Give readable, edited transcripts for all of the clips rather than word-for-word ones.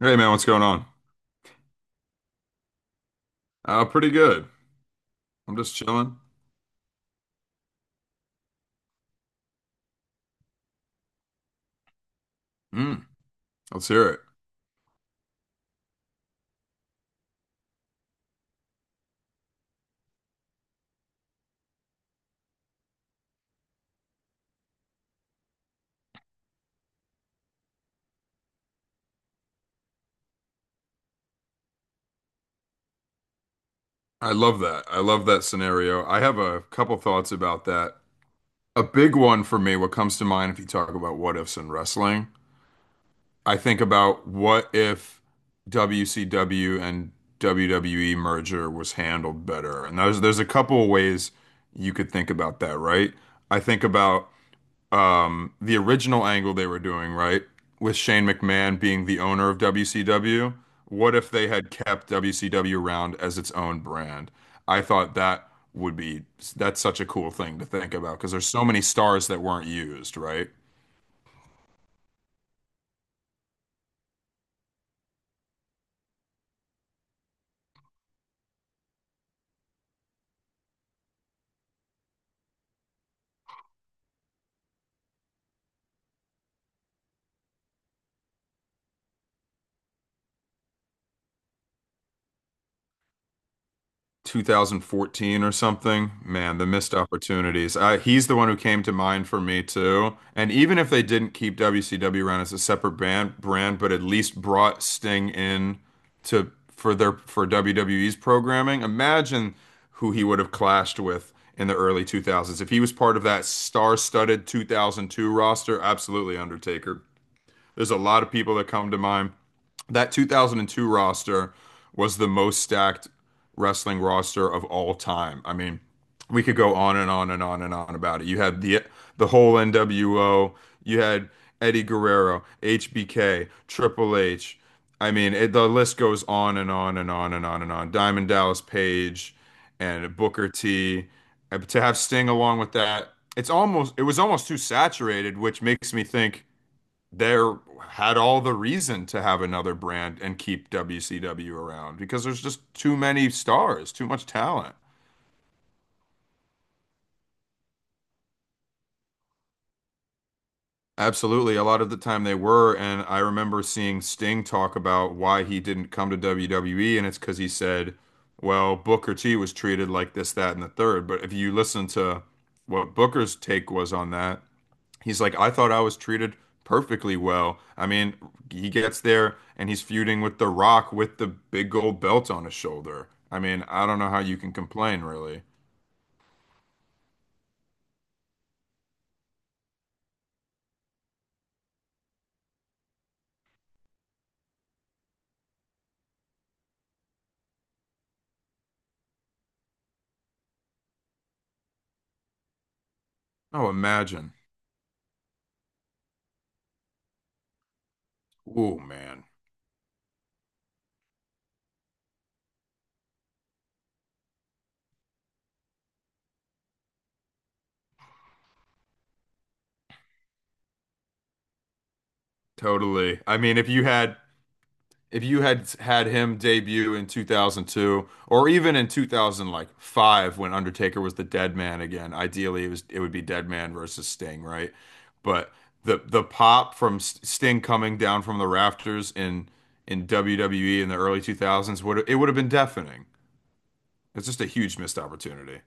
Hey man, what's going on? Pretty good. I'm just chilling. Mm, let's hear it. I love that. I love that scenario. I have a couple thoughts about that. A big one for me, what comes to mind if you talk about what ifs in wrestling, I think about what if WCW and WWE merger was handled better. And there's a couple of ways you could think about that, right? I think about the original angle they were doing, right? With Shane McMahon being the owner of WCW. What if they had kept WCW around as its own brand? I thought that would be, that's such a cool thing to think about because there's so many stars that weren't used, right? 2014 or something. Man, the missed opportunities. He's the one who came to mind for me too. And even if they didn't keep WCW around as a separate brand, but at least brought Sting in to for their for WWE's programming. Imagine who he would have clashed with in the early 2000s if he was part of that star-studded 2002 roster. Absolutely, Undertaker. There's a lot of people that come to mind. That 2002 roster was the most stacked wrestling roster of all time. I mean, we could go on and on and on and on about it. You had the whole NWO, you had Eddie Guerrero, HBK, Triple H. I mean, the list goes on and on and on and on and on. Diamond Dallas Page and Booker T. To have Sting along with that, it was almost too saturated, which makes me think there had all the reason to have another brand and keep WCW around because there's just too many stars, too much talent. Absolutely. A lot of the time they were. And I remember seeing Sting talk about why he didn't come to WWE. And it's because he said, well, Booker T was treated like this, that, and the third. But if you listen to what Booker's take was on that, he's like, I thought I was treated perfectly well. I mean, he gets there and he's feuding with The Rock with the big gold belt on his shoulder. I mean, I don't know how you can complain, really. Oh, imagine. Ooh, man. Totally. I mean, if you had had him debut in 2002 or even in 2005 when Undertaker was the Dead Man again, ideally it would be Dead Man versus Sting, right? But the pop from Sting coming down from the rafters in WWE in the early 2000s would it would have been deafening. It's just a huge missed opportunity.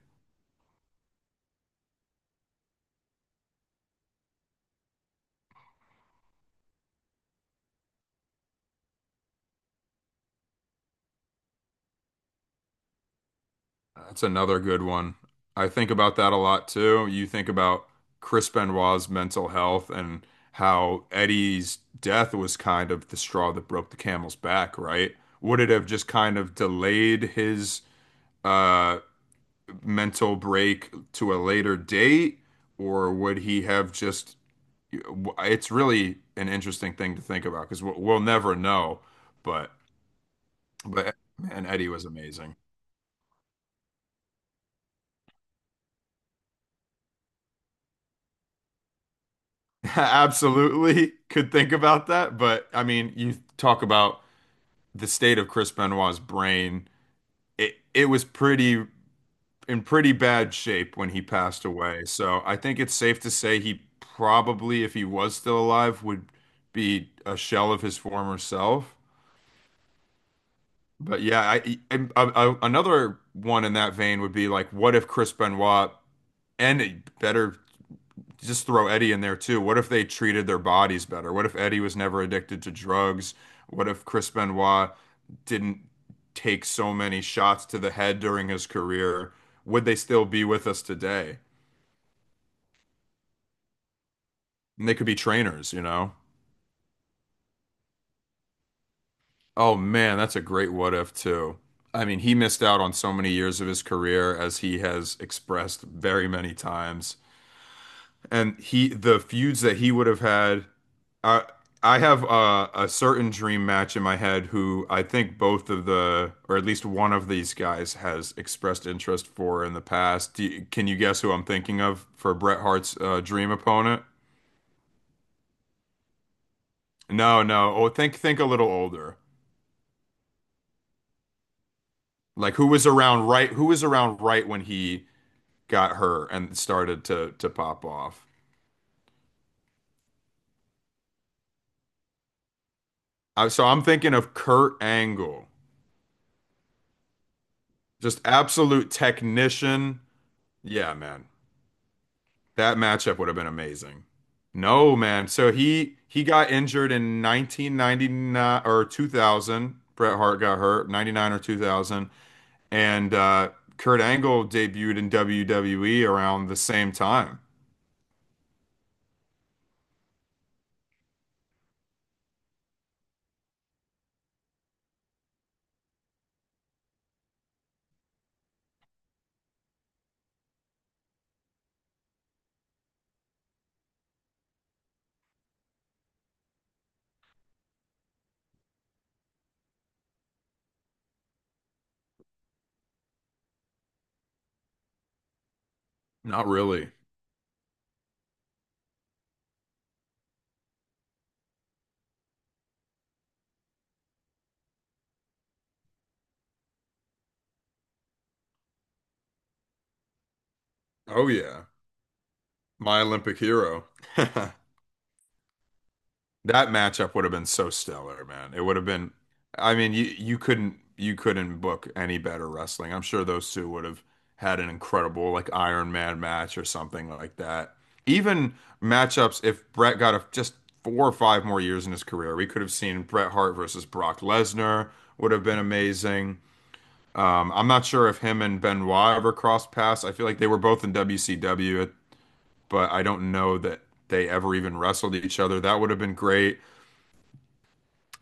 That's another good one. I think about that a lot too. You think about Chris Benoit's mental health and how Eddie's death was kind of the straw that broke the camel's back, right? Would it have just kind of delayed his uh, mental break to a later date, or would he have just? It's really an interesting thing to think about because we'll never know. But man, Eddie was amazing. Absolutely could think about that, but I mean, you talk about the state of Chris Benoit's brain. It was pretty in pretty bad shape when he passed away. So I think it's safe to say he probably, if he was still alive, would be a shell of his former self. But yeah, another one in that vein would be like, what if Chris Benoit and better just throw Eddie in there too. What if they treated their bodies better? What if Eddie was never addicted to drugs? What if Chris Benoit didn't take so many shots to the head during his career? Would they still be with us today? And they could be trainers, you know? Oh man, that's a great what if too. I mean, he missed out on so many years of his career as he has expressed very many times. And he the feuds that he would have had I I have a certain dream match in my head who I think both of the, or at least one of these guys has expressed interest for in the past. Do you- can you guess who I'm thinking of for Bret Hart's dream opponent? No, no. Oh, think a little older. Like who was around right? Who was around right when he got hurt and started to pop off? So I'm thinking of Kurt Angle, just absolute technician. Yeah, man. That matchup would have been amazing. No, man. So he got injured in 1999 or 2000. Bret Hart got hurt, 99 or 2000, and Kurt Angle debuted in WWE around the same time. Not really. Oh yeah, my Olympic hero. That matchup would have been so stellar, man. It would have been, I mean, you couldn't book any better wrestling. I'm sure those two would have had an incredible like Iron Man match or something like that. Even matchups, if Brett got a, just 4 or 5 more years in his career, we could have seen Bret Hart versus Brock Lesnar would have been amazing. I'm not sure if him and Benoit ever crossed paths. I feel like they were both in WCW, but I don't know that they ever even wrestled each other. That would have been great.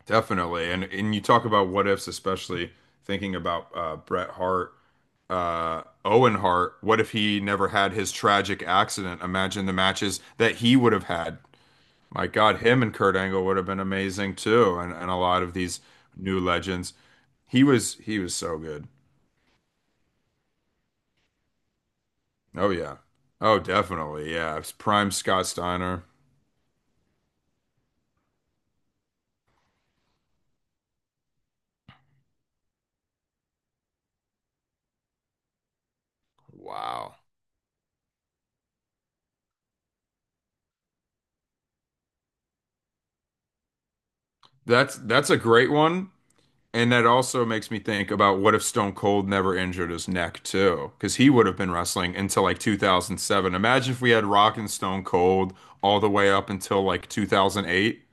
Definitely. And you talk about what ifs, especially thinking about Bret Hart, Owen Hart. What if he never had his tragic accident? Imagine the matches that he would have had. My God, him and Kurt Angle would have been amazing too, and a lot of these new legends. He was so good. Oh yeah. Oh, definitely. Yeah. It's prime Scott Steiner. Wow. That's a great one. And that also makes me think about what if Stone Cold never injured his neck too? Because he would have been wrestling until like 2007. Imagine if we had Rock and Stone Cold all the way up until like 2008,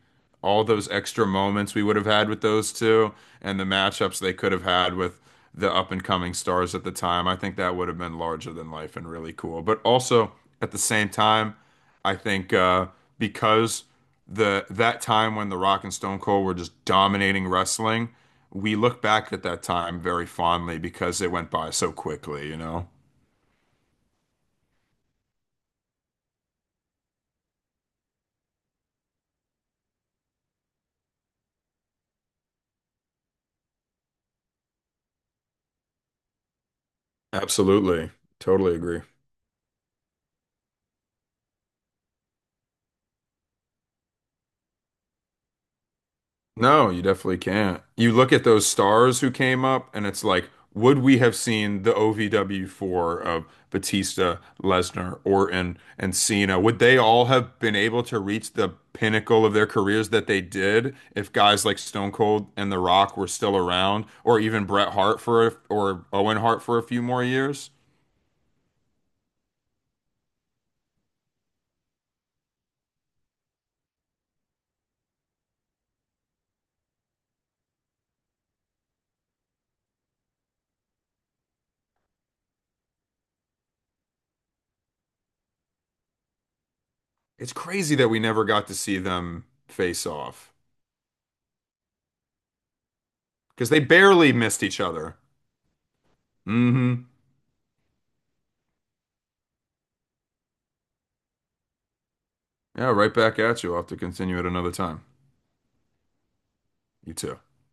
all those extra moments we would have had with those two and the matchups they could have had with the up and coming stars at the time. I think that would have been larger than life and really cool. But also at the same time, I think because the that time when The Rock and Stone Cold were just dominating wrestling, we look back at that time very fondly because it went by so quickly, you know? Absolutely. Totally agree. No, you definitely can't. You look at those stars who came up, and it's like, would we have seen the OVW four of Batista, Lesnar, Orton, and Cena? Would they all have been able to reach the pinnacle of their careers that they did if guys like Stone Cold and The Rock were still around, or even Bret Hart for a, or Owen Hart for a few more years? It's crazy that we never got to see them face off because they barely missed each other. Hmm. Yeah, right back at you. I'll have to continue at another time. You too.